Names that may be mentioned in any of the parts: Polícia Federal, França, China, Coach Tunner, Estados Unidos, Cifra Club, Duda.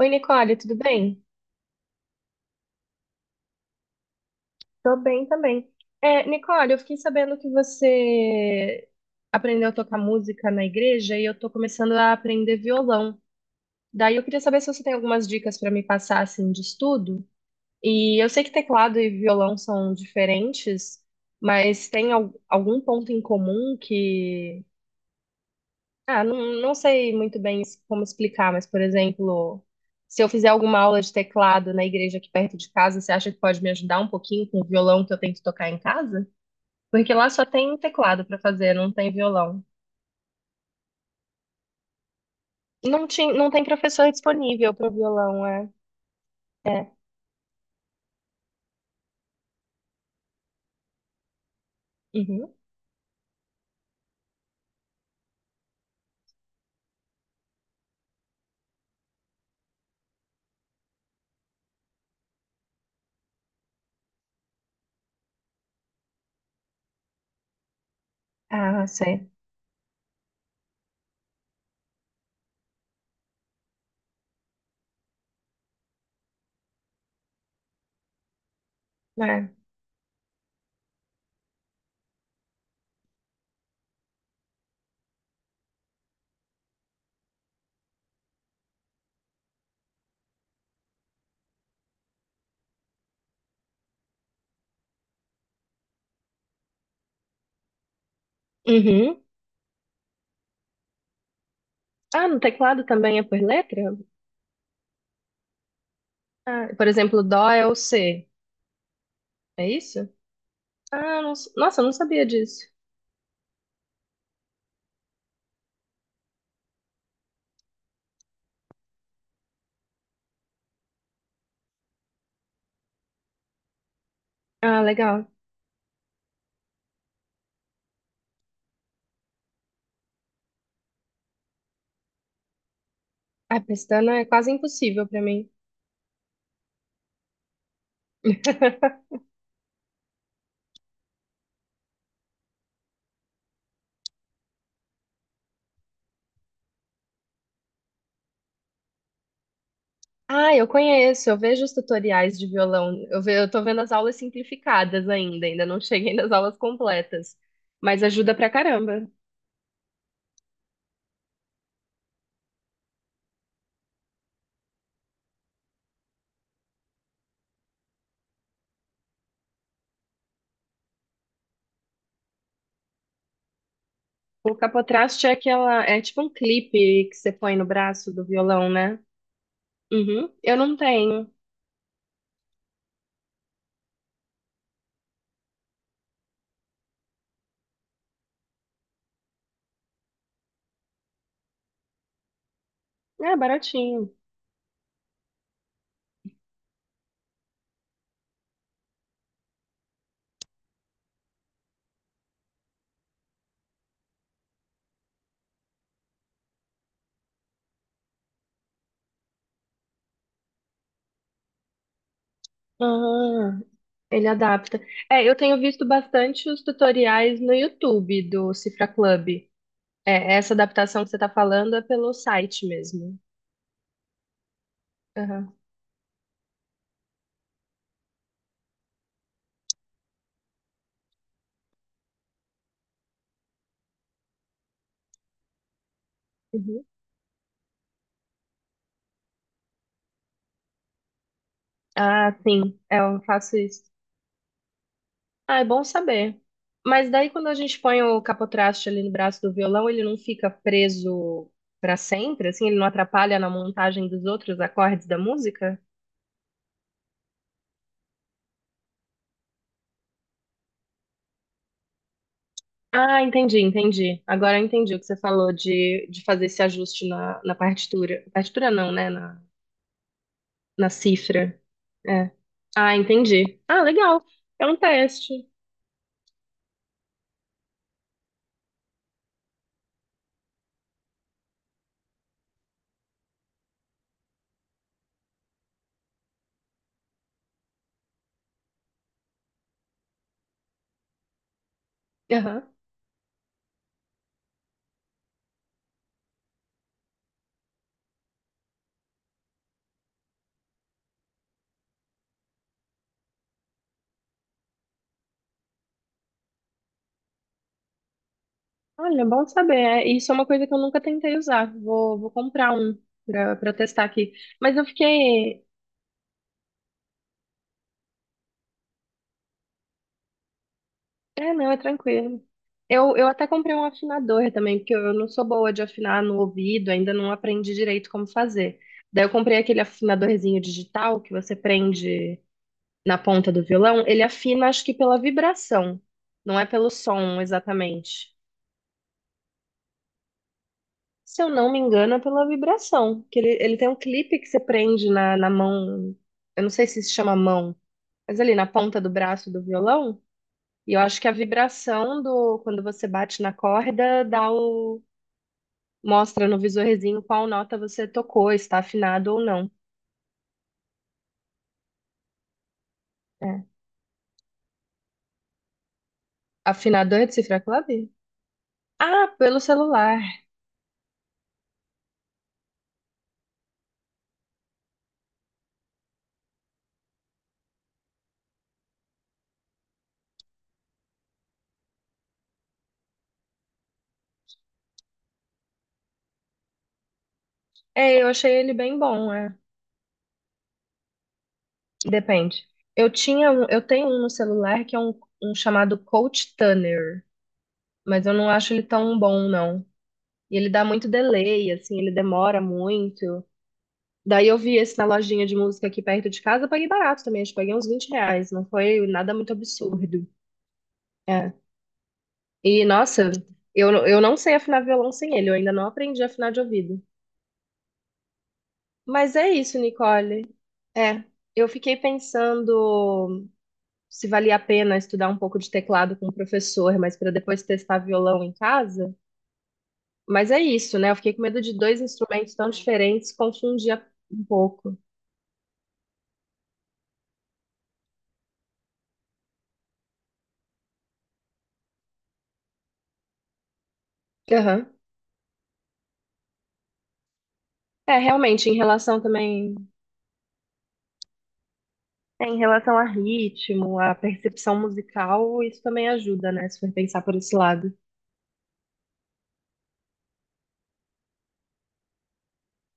Oi, Nicole, tudo bem? Tô bem também. Nicole, eu fiquei sabendo que você aprendeu a tocar música na igreja e eu tô começando a aprender violão. Daí eu queria saber se você tem algumas dicas para me passar assim de estudo. E eu sei que teclado e violão são diferentes, mas tem algum ponto em comum que... Ah, não, não sei muito bem como explicar, mas, por exemplo, se eu fizer alguma aula de teclado na igreja aqui perto de casa, você acha que pode me ajudar um pouquinho com o violão que eu tento tocar em casa? Porque lá só tem teclado para fazer, não tem violão. Não tinha, não tem professor disponível para violão, é. É. Uhum. Ah, sei. É. Uhum. Ah, no teclado também é por letra? Ah, por exemplo, Dó é o C, é isso? Nossa, eu não sabia disso. Ah, legal. A pestana é quase impossível para mim. Ah, eu conheço, eu vejo os tutoriais de violão, eu tô vendo as aulas simplificadas ainda, ainda não cheguei nas aulas completas, mas ajuda pra caramba. O capotraste é aquela, é tipo um clipe que você põe no braço do violão, né? Uhum. Eu não tenho. É baratinho. Ah, ele adapta. É, eu tenho visto bastante os tutoriais no YouTube do Cifra Club. É, essa adaptação que você tá falando é pelo site mesmo. Aham. Ah, sim, é, eu faço isso. Ah, é bom saber. Mas daí quando a gente põe o capotraste ali no braço do violão, ele não fica preso para sempre, assim, ele não atrapalha na montagem dos outros acordes da música? Ah, entendi, entendi. Agora eu entendi o que você falou de fazer esse ajuste na partitura. Partitura não, né? Na, na cifra. É. Ah, entendi. Ah, legal. É um teste. Aham. Olha, bom saber. É, isso é uma coisa que eu nunca tentei usar. Vou comprar um pra testar aqui. Mas eu fiquei. É, não, é tranquilo. Eu até comprei um afinador também, porque eu não sou boa de afinar no ouvido, ainda não aprendi direito como fazer. Daí eu comprei aquele afinadorzinho digital que você prende na ponta do violão. Ele afina, acho que pela vibração, não é pelo som exatamente. Se eu não me engano, é pela vibração. Que ele tem um clipe que você prende na mão. Eu não sei se se chama mão, mas ali na ponta do braço do violão. E eu acho que a vibração do quando você bate na corda dá o, mostra no visorzinho qual nota você tocou, está afinado ou não. É. Afinador de cifra clave? Ah, pelo celular. É, eu achei ele bem bom, é. Depende. Eu tenho um no celular que é um chamado Coach Tunner, mas eu não acho ele tão bom, não. E ele dá muito delay, assim, ele demora muito. Daí eu vi esse na lojinha de música aqui perto de casa, eu paguei barato também, acho que paguei uns 20 reais, não foi nada muito absurdo. É. E, nossa, eu não sei afinar violão sem ele, eu ainda não aprendi a afinar de ouvido. Mas é isso, Nicole. É, eu fiquei pensando se valia a pena estudar um pouco de teclado com o professor, mas para depois testar violão em casa. Mas é isso, né? Eu fiquei com medo de dois instrumentos tão diferentes confundir um pouco. Aham. É, realmente, em relação também, é, em relação a ritmo, a percepção musical, isso também ajuda, né? Se for pensar por esse lado.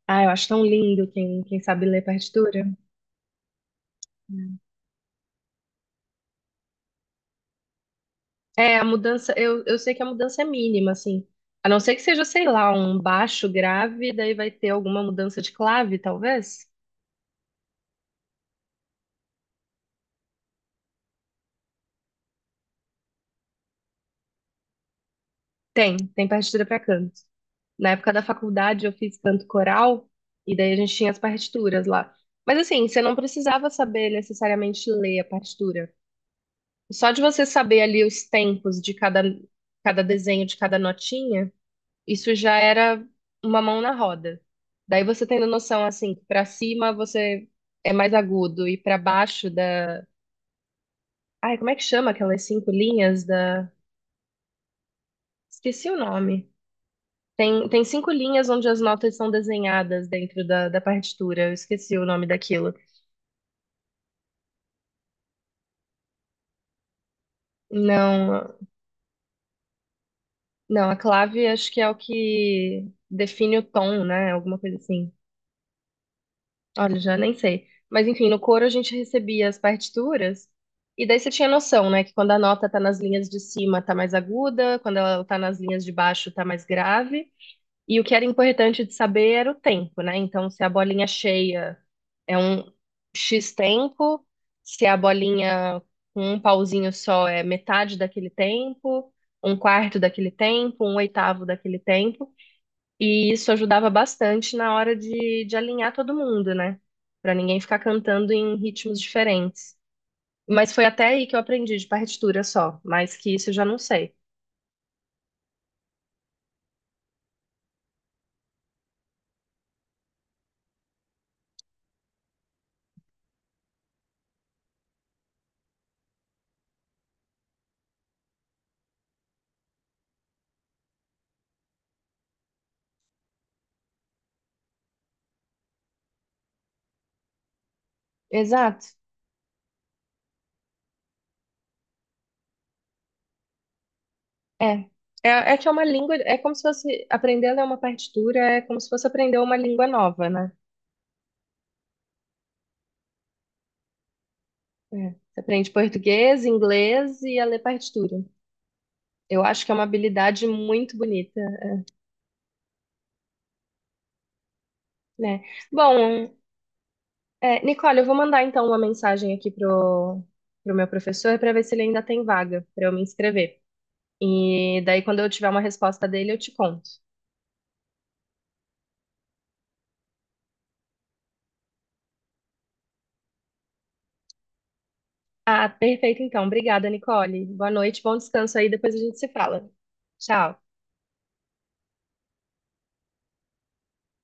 Ah, eu acho tão lindo quem, quem sabe ler partitura. É, a mudança, eu sei que a mudança é mínima, assim. A não ser que seja, sei lá, um baixo grave, daí vai ter alguma mudança de clave, talvez? Tem, tem partitura para canto. Na época da faculdade eu fiz canto coral, e daí a gente tinha as partituras lá. Mas assim, você não precisava saber necessariamente ler a partitura. Só de você saber ali os tempos de cada, cada desenho, de cada notinha, isso já era uma mão na roda. Daí você tendo noção, assim, que pra cima você é mais agudo e pra baixo da... Ai, como é que chama aquelas cinco linhas da... Esqueci o nome. Tem, tem cinco linhas onde as notas são desenhadas dentro da partitura. Eu esqueci o nome daquilo. Não, não, a clave acho que é o que define o tom, né? Alguma coisa assim. Olha, já nem sei. Mas enfim, no coro a gente recebia as partituras e daí você tinha noção, né, que quando a nota tá nas linhas de cima tá mais aguda, quando ela tá nas linhas de baixo tá mais grave. E o que era importante de saber era o tempo, né? Então, se a bolinha cheia é um X tempo, se a bolinha com um pauzinho só é metade daquele tempo, um quarto daquele tempo, um oitavo daquele tempo. E isso ajudava bastante na hora de alinhar todo mundo, né? Pra ninguém ficar cantando em ritmos diferentes. Mas foi até aí que eu aprendi de partitura só, mais que isso eu já não sei. Exato. É. É, é que é uma língua, é como se fosse aprender a ler uma partitura, é como se fosse aprender uma língua nova, né? É. Você aprende português, inglês e a ler partitura. Eu acho que é uma habilidade muito bonita, né? Bom, é, Nicole, eu vou mandar então uma mensagem aqui pro meu professor para ver se ele ainda tem vaga para eu me inscrever. E daí, quando eu tiver uma resposta dele, eu te conto. Ah, perfeito então. Obrigada, Nicole. Boa noite, bom descanso aí, depois a gente se fala. Tchau.